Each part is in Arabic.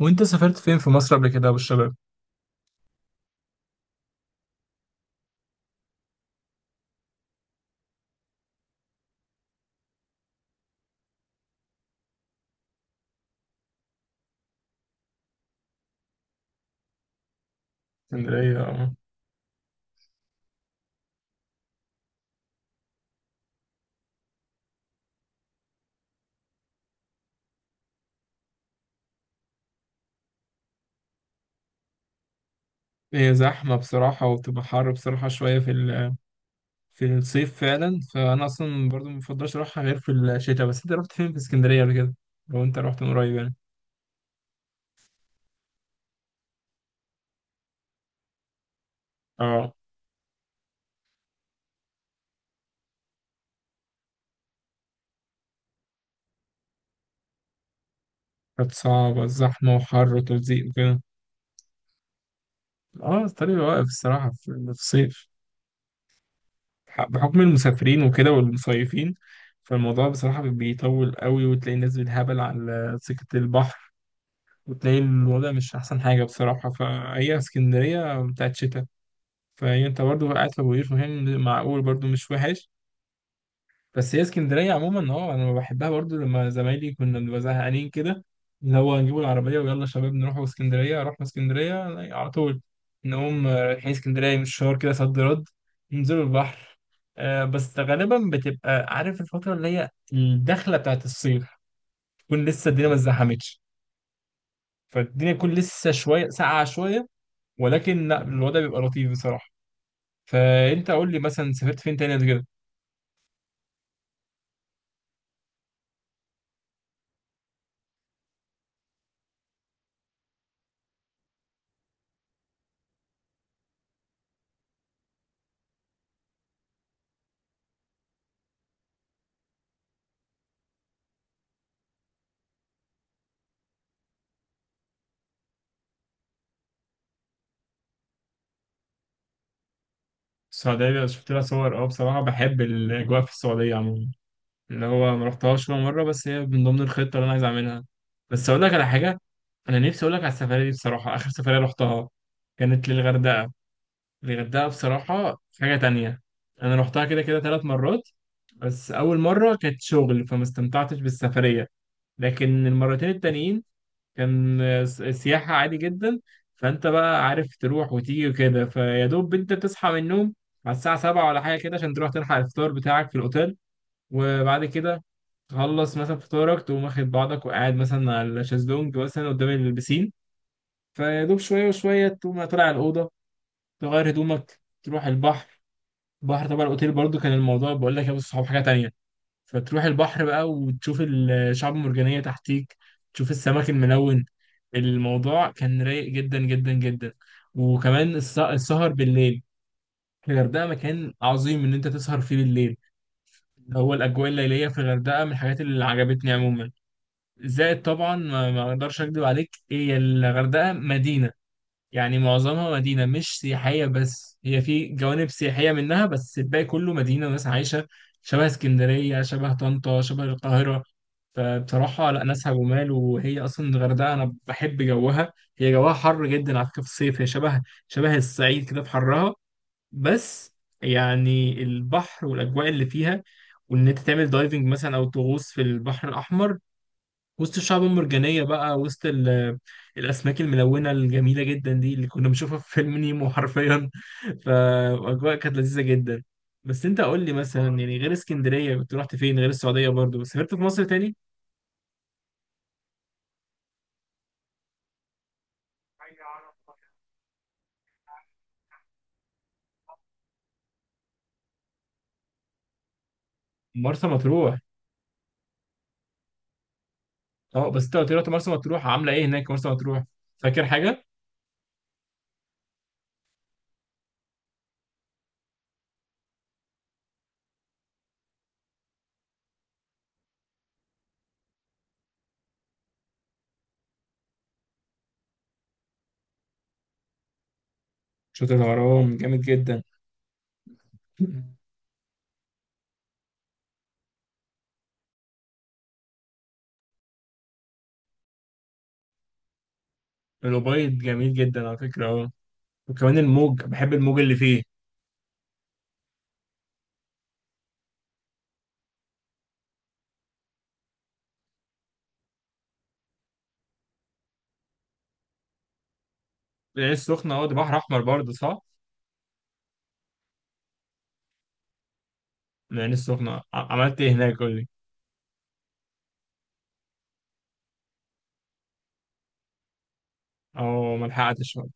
وانت سافرت فين في مصر قبل كده والشباب؟ اسكندرية اه، هي زحمة بصراحة وبتبقى حر بصراحة شوية في الصيف فعلا، فأنا أصلا برضو مبفضلش أروحها غير في الشتاء. بس أنت رحت فين في اسكندرية قبل كده؟ لو أنت رحت من قريب يعني. اه كانت صعبة، زحمة وحر وتلزيق وكده. اه الطريق واقف الصراحة في الصيف، بحكم المسافرين وكده والمصيفين. فالموضوع بصراحة بيطول قوي، وتلاقي الناس بالهبل على سكة البحر، وتلاقي الوضع مش أحسن حاجة بصراحة، فهي اسكندرية بتاعت شتاء. فهي أنت برضو قاعد في أبو قير، فاهم معقول برضو مش وحش. بس هي اسكندرية عموما اه أنا بحبها برضو، لما زمايلي كنا بنبقى زهقانين كده، اللي هو نجيبوا العربية ويلا شباب نروحوا اسكندرية، رحنا اسكندرية على طول. نقوم رايحين اسكندرية من الشهر كده صد رد، ننزلوا البحر. بس غالبا بتبقى عارف الفترة اللي هي الدخلة بتاعت الصيف، تكون لسه الدنيا ما اتزحمتش، فالدنيا تكون لسه شوية ساقعة شوية، ولكن لا الوضع بيبقى لطيف بصراحة. فأنت قول لي مثلا سافرت فين تاني قبل كده؟ السعودية شفت لها صور أه، بصراحة بحب الأجواء في السعودية عموما، اللي هو ما رحتهاش ولا مرة، بس هي من ضمن الخطة اللي أنا عايز أعملها. بس أقول لك على حاجة، أنا نفسي أقول لك على السفرية دي بصراحة، آخر سفرية رحتها كانت للغردقة. الغردقة بصراحة حاجة تانية، أنا رحتها كده كده ثلاث مرات، بس أول مرة كانت شغل فما استمتعتش بالسفرية، لكن المرتين التانيين كان سياحة عادي جدا. فأنت بقى عارف تروح وتيجي وكده، فيا دوب أنت تصحى من النوم على الساعة سبعة ولا حاجة كده عشان تروح تلحق الفطار بتاعك في الأوتيل، وبعد كده تخلص مثلا فطارك، تقوم واخد بعضك وقاعد مثلا على الشازلونج مثلا قدام البسين، فيا دوب شوية وشوية تقوم طالع الأوضة، تغير هدومك تروح البحر. البحر طبعا الأوتيل برضو كان الموضوع بقول لك يا أبو الصحاب حاجة تانية. فتروح البحر بقى وتشوف الشعاب المرجانية تحتيك، تشوف السمك الملون. الموضوع كان رايق جدا جدا جدا. وكمان السهر بالليل في الغردقة مكان عظيم إن أنت تسهر فيه بالليل. هو الأجواء الليلية في الغردقة من الحاجات اللي عجبتني عموما. زائد طبعا ما أقدرش أكدب عليك، هي الغردقة مدينة، يعني معظمها مدينة مش سياحية، بس هي في جوانب سياحية منها، بس الباقي كله مدينة وناس عايشة، شبه اسكندرية شبه طنطا شبه القاهرة. فبصراحة لا ناسها جمال، وهي أصلا الغردقة أنا بحب جوها، هي جوها حر جدا على فكرة في الصيف، هي شبه الصعيد كده في حرها. بس يعني البحر والأجواء اللي فيها، وإن أنت تعمل دايفنج مثلا أو تغوص في البحر الأحمر وسط الشعب المرجانية بقى، وسط الأسماك الملونة الجميلة جدا دي اللي كنا بنشوفها في فيلم نيمو حرفيا. فأجواء كانت لذيذة جدا. بس أنت قول لي مثلا، يعني غير اسكندرية كنت رحت فين، غير السعودية برضو سافرت في مصر تاني؟ مرسى مطروح، أه بس أنت قلت لي رحت مرسى مطروح، عاملة إيه هناك مرسى مطروح، فاكر حاجة؟ شاطئ الغرام جامد جدا. الأبيض جميل جدا على فكرة أه، وكمان الموج، بحب الموج اللي فيه. العين السخنة أه، ده بحر أحمر برضه صح؟ من العين السخنة عملت ايه هناك، قول لي. اه، ملحقتش برضه.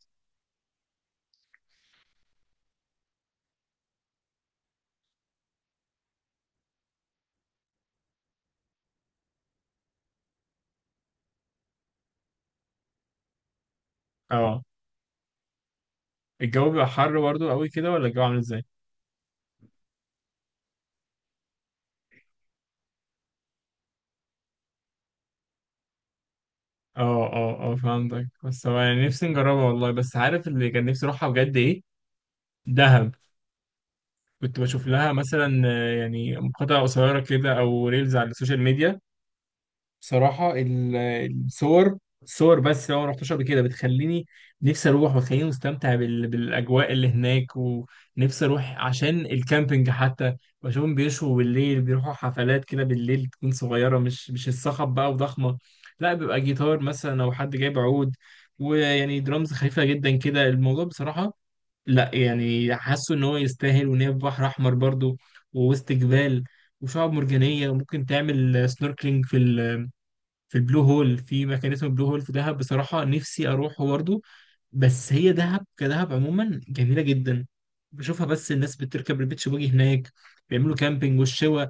اه الجو بيبقى حر برضه قوي كده ولا الجو عامل ازاي؟ اه اه اه فهمتك، بس هو يعني نفسي نجربها والله، بس عارف اللي كان نفسي اروحها بجد ايه؟ دهب. كنت بشوف لها مثلا يعني مقاطع قصيرة كده او ريلز على السوشيال ميديا. بصراحة الصور، صور بس لو ما رحتش قبل كده بتخليني نفسي اروح، وتخليني مستمتع بالاجواء اللي هناك، ونفسي اروح عشان الكامبينج حتى. بشوفهم بيشوا بالليل، بيروحوا حفلات كده بالليل تكون صغيرة، مش الصخب بقى وضخمة، لا بيبقى جيتار مثلا او حد جايب عود، ويعني درامز خفيفة جدا كده الموضوع بصراحة. لا يعني حاسه ان هو يستاهل، وان هي في بحر احمر برضو، ووسط جبال وشعاب مرجانية، وممكن تعمل سنوركلينج في ال في البلو هول، في مكان اسمه بلو هول في دهب، بصراحة نفسي أروحه برضه. بس هي دهب كدهب عموما جميلة جدا، بشوفها بس الناس بتركب البيتش باجي هناك، بيعملوا كامبينج والشوا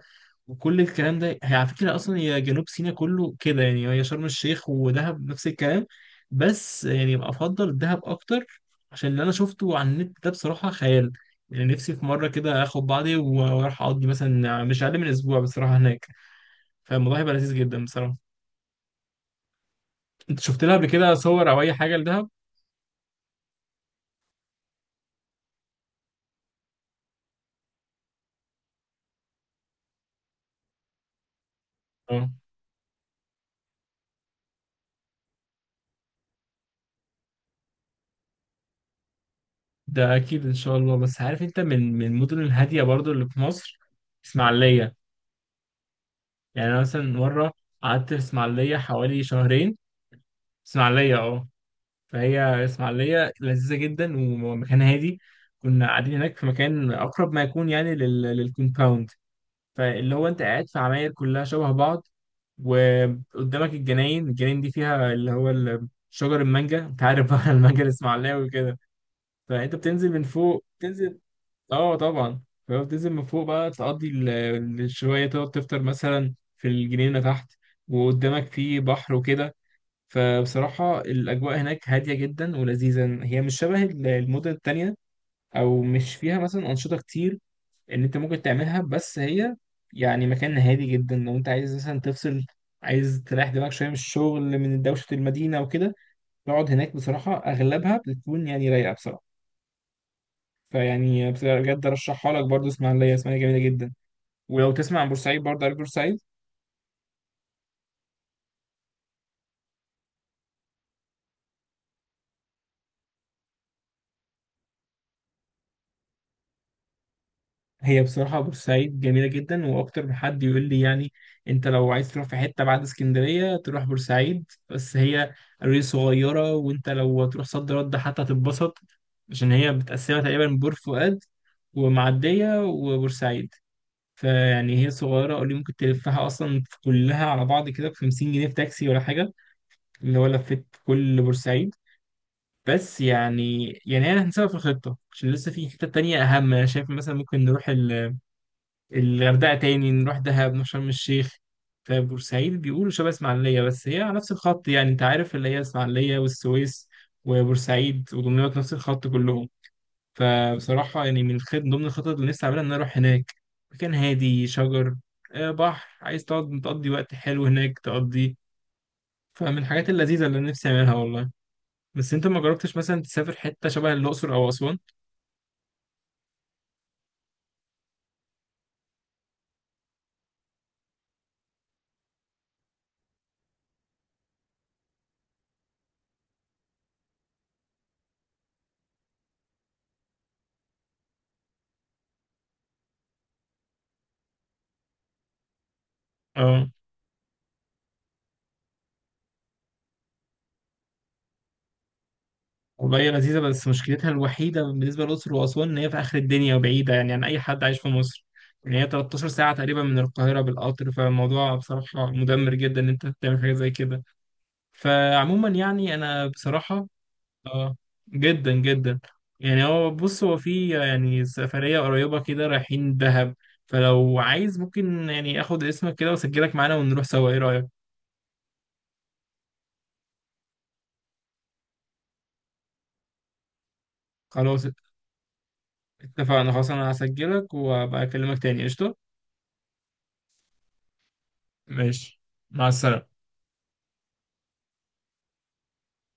وكل الكلام ده. هي على فكرة أصلا هي جنوب سيناء كله كده، يعني هي شرم الشيخ ودهب نفس الكلام، بس يعني أفضل دهب أكتر عشان اللي أنا شفته على النت ده بصراحة خيال. يعني نفسي في مرة كده آخد بعضي وأروح أقضي مثلا مش أقل من أسبوع بصراحة هناك، فالموضوع هيبقى لذيذ جدا بصراحة. انت شفت لها قبل كده صور او اي حاجه لدهب؟ اه ده اكيد ان شاء الله. بس عارف انت من المدن الهاديه برضو اللي في مصر؟ اسماعيليه. يعني انا مثلا مره قعدت في اسماعيليه حوالي شهرين. اسماعيليه اه، فهي اسماعيليه لذيذه جدا ومكان هادي. كنا قاعدين هناك في مكان اقرب ما يكون يعني للكومباوند، فاللي هو انت قاعد في عماير كلها شبه بعض، وقدامك الجناين. الجناين دي فيها اللي هو شجر المانجا، انت عارف بقى، المانجا الاسماعيلاوي وكده. فانت بتنزل من فوق بتنزل، اه طبعا، فبتنزل من فوق بقى تقضي شويه، تقعد تفطر مثلا في الجنينه تحت، وقدامك في بحر وكده. فبصراحه الاجواء هناك هاديه جدا ولذيذه، هي مش شبه المدن التانية، او مش فيها مثلا انشطه كتير ان انت ممكن تعملها، بس هي يعني مكان هادي جدا لو انت عايز مثلا تفصل، عايز تريح دماغك شويه من الشغل من دوشه المدينه وكده، تقعد هناك بصراحه اغلبها بتكون يعني رايقه بصراحه. فيعني بجد ارشحها لك برضو، اسماعيليه اسماعيليه جميله جدا. ولو تسمع عن بورسعيد برضه، عارف بورسعيد؟ هي بصراحه بورسعيد جميله جدا، واكتر من حد يقول لي، يعني انت لو عايز تروح في حته بعد اسكندريه تروح بورسعيد. بس هي قرية صغيره، وانت لو تروح صد رد حتى هتتبسط، عشان هي متقسمه تقريبا بور فؤاد ومعديه وبورسعيد. فيعني هي صغيره قولي، ممكن تلفها اصلا كلها على بعض كده ب 50 جنيه في تاكسي ولا حاجه، اللي هو لفيت كل بورسعيد. بس يعني يعني انا هنسيبها في الخطه، عشان لسه في حته تانية اهم، انا شايف مثلا ممكن نروح الغردقه تاني، نروح دهب، نروح شرم الشيخ. فبورسعيد بيقولوا شبه اسماعيليه، بس هي على نفس الخط يعني انت عارف، اللي هي اسماعيليه والسويس وبورسعيد ودمياط نفس الخط كلهم. فبصراحه يعني من الخط ضمن الخطط اللي نفسي اعملها ان أنا اروح هناك. مكان هادي، شجر، بحر، عايز تقعد تقضي وقت حلو هناك تقضي. فمن الحاجات اللذيذه اللي أنا نفسي اعملها والله. بس انت ما جربتش مثلا تسافر حته شبه الاقصر او اسوان؟ اه والله هي لذيذة، بس مشكلتها الوحيدة بالنسبة للأقصر وأسوان إن هي في آخر الدنيا وبعيدة يعني عن أي حد عايش في مصر. يعني هي 13 ساعة تقريبا من القاهرة بالقطر، فالموضوع بصراحة مدمر جدا إن أنت تعمل حاجة زي كده. فعموما يعني أنا بصراحة، اه، جدا جدا. يعني هو بص هو في يعني سفرية قريبة كده رايحين دهب، فلو عايز ممكن يعني آخد اسمك كده وأسجلك معانا، ونروح سوا، إيه رأيك؟ خلاص اتفقنا، خلاص أنا هسجلك وأبقى أكلمك تاني، قشطة؟ ماشي، مع السلامة.